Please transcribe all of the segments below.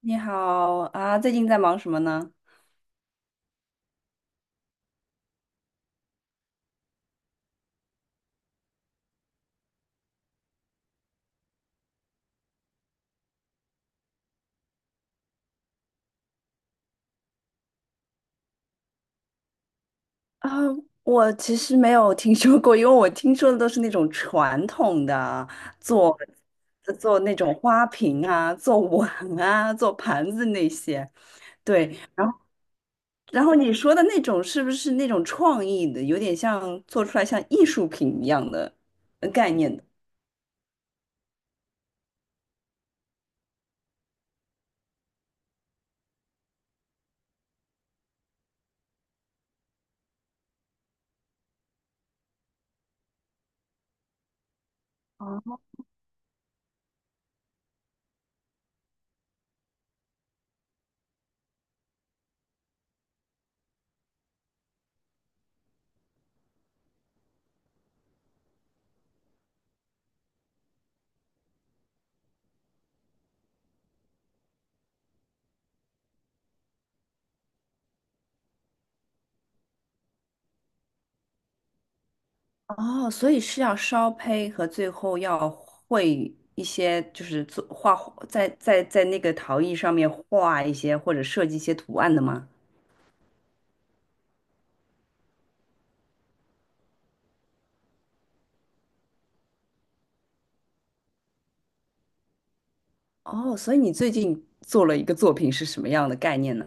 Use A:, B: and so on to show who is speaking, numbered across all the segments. A: 你好啊，最近在忙什么呢？啊，我其实没有听说过，因为我听说的都是那种传统的，做做那种花瓶啊，做碗啊，做盘子那些。对，然后你说的那种是不是那种创意的，有点像做出来像艺术品一样的概念的？哦，所以是要烧胚和最后要绘一些，就是做画，在那个陶艺上面画一些或者设计一些图案的吗？哦，所以你最近做了一个作品是什么样的概念呢？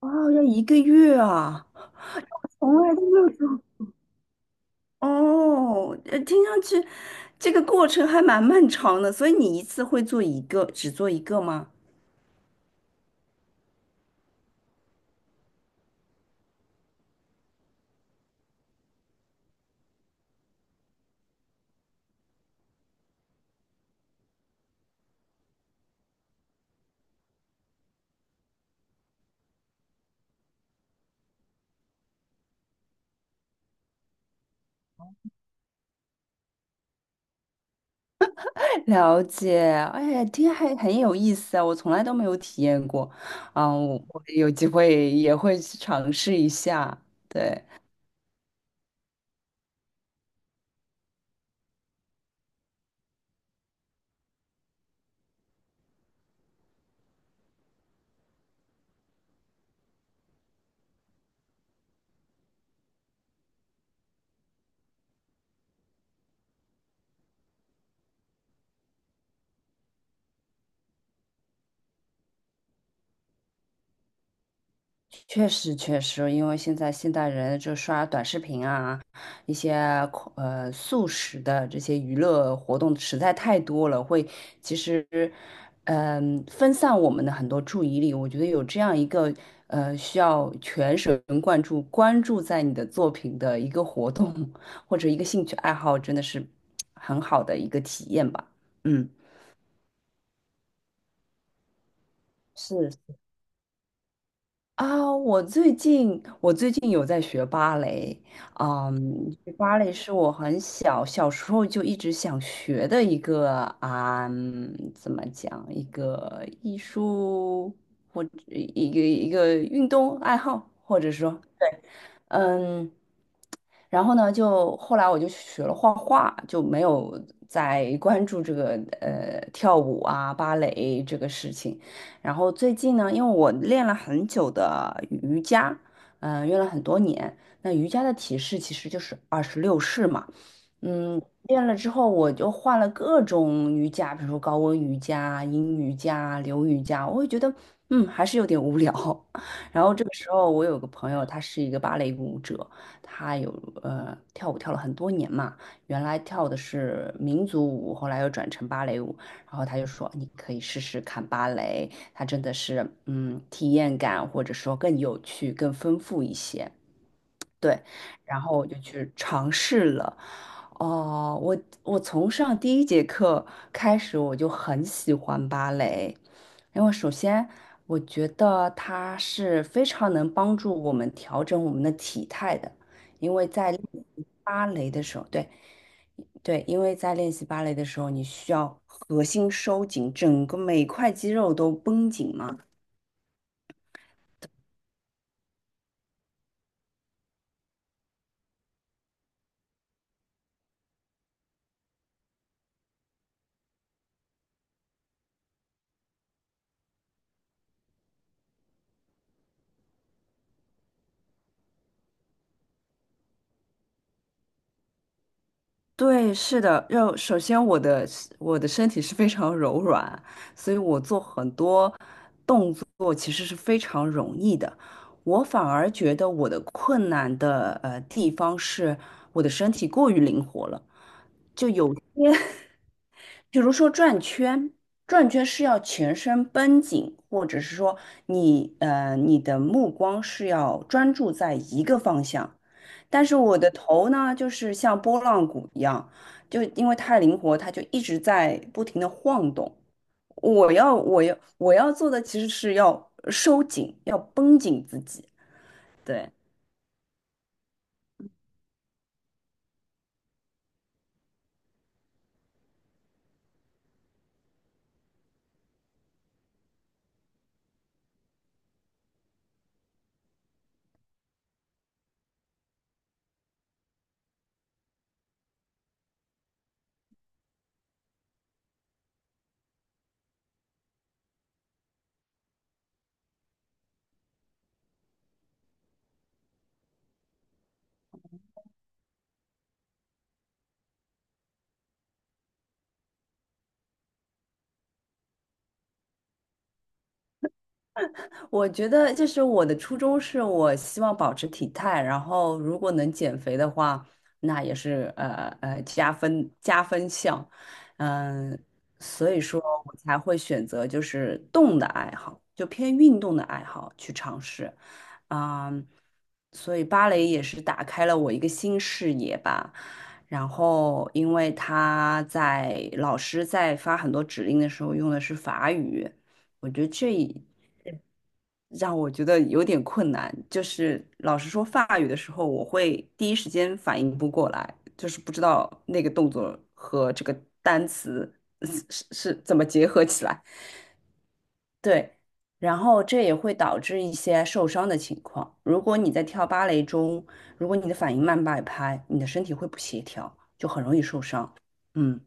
A: 哦，要一个月啊！从来都没有做。哦，听上去这个过程还蛮漫长的，所以你一次会做一个，只做一个吗？了解，哎，听还很有意思啊，我从来都没有体验过，嗯，我有机会也会去尝试一下，对，确实，确实，因为现在现代人就刷短视频啊，一些速食的这些娱乐活动实在太多了，会其实分散我们的很多注意力。我觉得有这样一个需要全神贯注关注在你的作品的一个活动或者一个兴趣爱好，真的是很好的一个体验吧。嗯，是啊，我最近有在学芭蕾，嗯，学芭蕾是我很小小时候就一直想学的一个啊，怎么讲，一个艺术或者一个运动爱好，或者说，嗯，然后呢，就后来我就学了画画，就没有再关注这个跳舞啊、芭蕾这个事情。然后最近呢，因为我练了很久的瑜伽，练了很多年。那瑜伽的体式其实就是26式嘛，练了之后我就换了各种瑜伽，比如说高温瑜伽、阴瑜伽、流瑜伽，我会觉得还是有点无聊。然后这个时候，我有个朋友，他是一个芭蕾舞者，他有跳舞跳了很多年嘛，原来跳的是民族舞，后来又转成芭蕾舞，然后他就说你可以试试看芭蕾，它真的是体验感或者说更有趣、更丰富一些。对，然后我就去尝试了。哦，我从上第一节课开始，我就很喜欢芭蕾，因为首先我觉得它是非常能帮助我们调整我们的体态的，因为在练习芭蕾的时候，对对，因为在练习芭蕾的时候，你需要核心收紧，整个每块肌肉都绷紧嘛。对，是的，要首先我的身体是非常柔软，所以我做很多动作其实是非常容易的。我反而觉得我的困难的地方是我的身体过于灵活了，因为比如说转圈，转圈是要全身绷紧，或者是说你的目光是要专注在一个方向。但是我的头呢，就是像拨浪鼓一样，就因为太灵活，它就一直在不停的晃动。我要做的其实是要收紧，要绷紧自己。对，我觉得就是我的初衷是我希望保持体态，然后如果能减肥的话，那也是加分项。嗯，所以说我才会选择就是动的爱好，就偏运动的爱好去尝试。啊，所以芭蕾也是打开了我一个新视野吧。然后，因为老师在发很多指令的时候用的是法语，我觉得让我觉得有点困难。就是老师说法语的时候，我会第一时间反应不过来，就是不知道那个动作和这个单词 是怎么结合起来。对，然后这也会导致一些受伤的情况。如果你在跳芭蕾中，如果你的反应慢半拍，你的身体会不协调，就很容易受伤。嗯，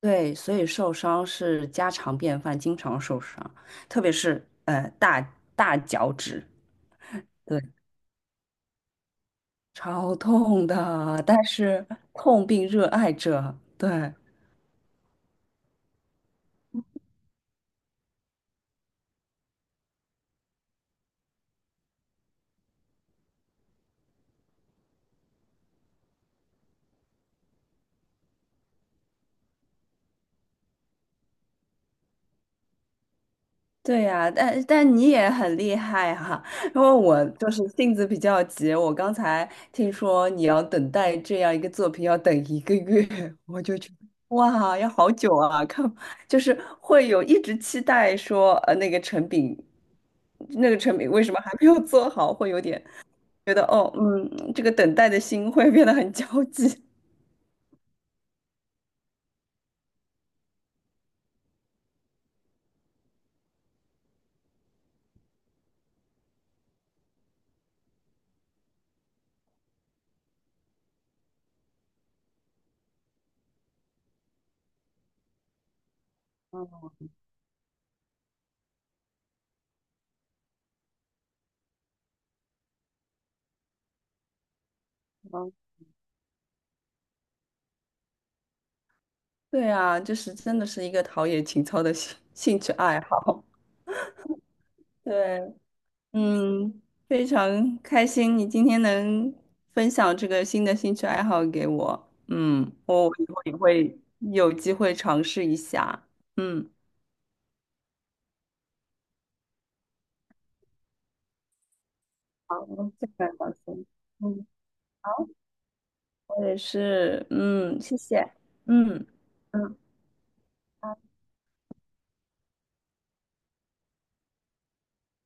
A: 对，所以受伤是家常便饭，经常受伤，特别是大脚趾，对，超痛的。但是痛并热爱着，对，对呀，但你也很厉害哈，因为我就是性子比较急，我刚才听说你要等待这样一个作品要等一个月，我就觉得哇，要好久啊！看，就是会有一直期待说，那个成品，那个成品为什么还没有做好，会有点觉得哦，这个等待的心会变得很焦急。嗯对啊，就是真的是一个陶冶情操的兴趣爱好。对。嗯，非常开心你今天能分享这个新的兴趣爱好给我。嗯，我以后也会有机会尝试一下。嗯，好，这个小心。嗯，好，我也是。嗯，谢谢。嗯嗯。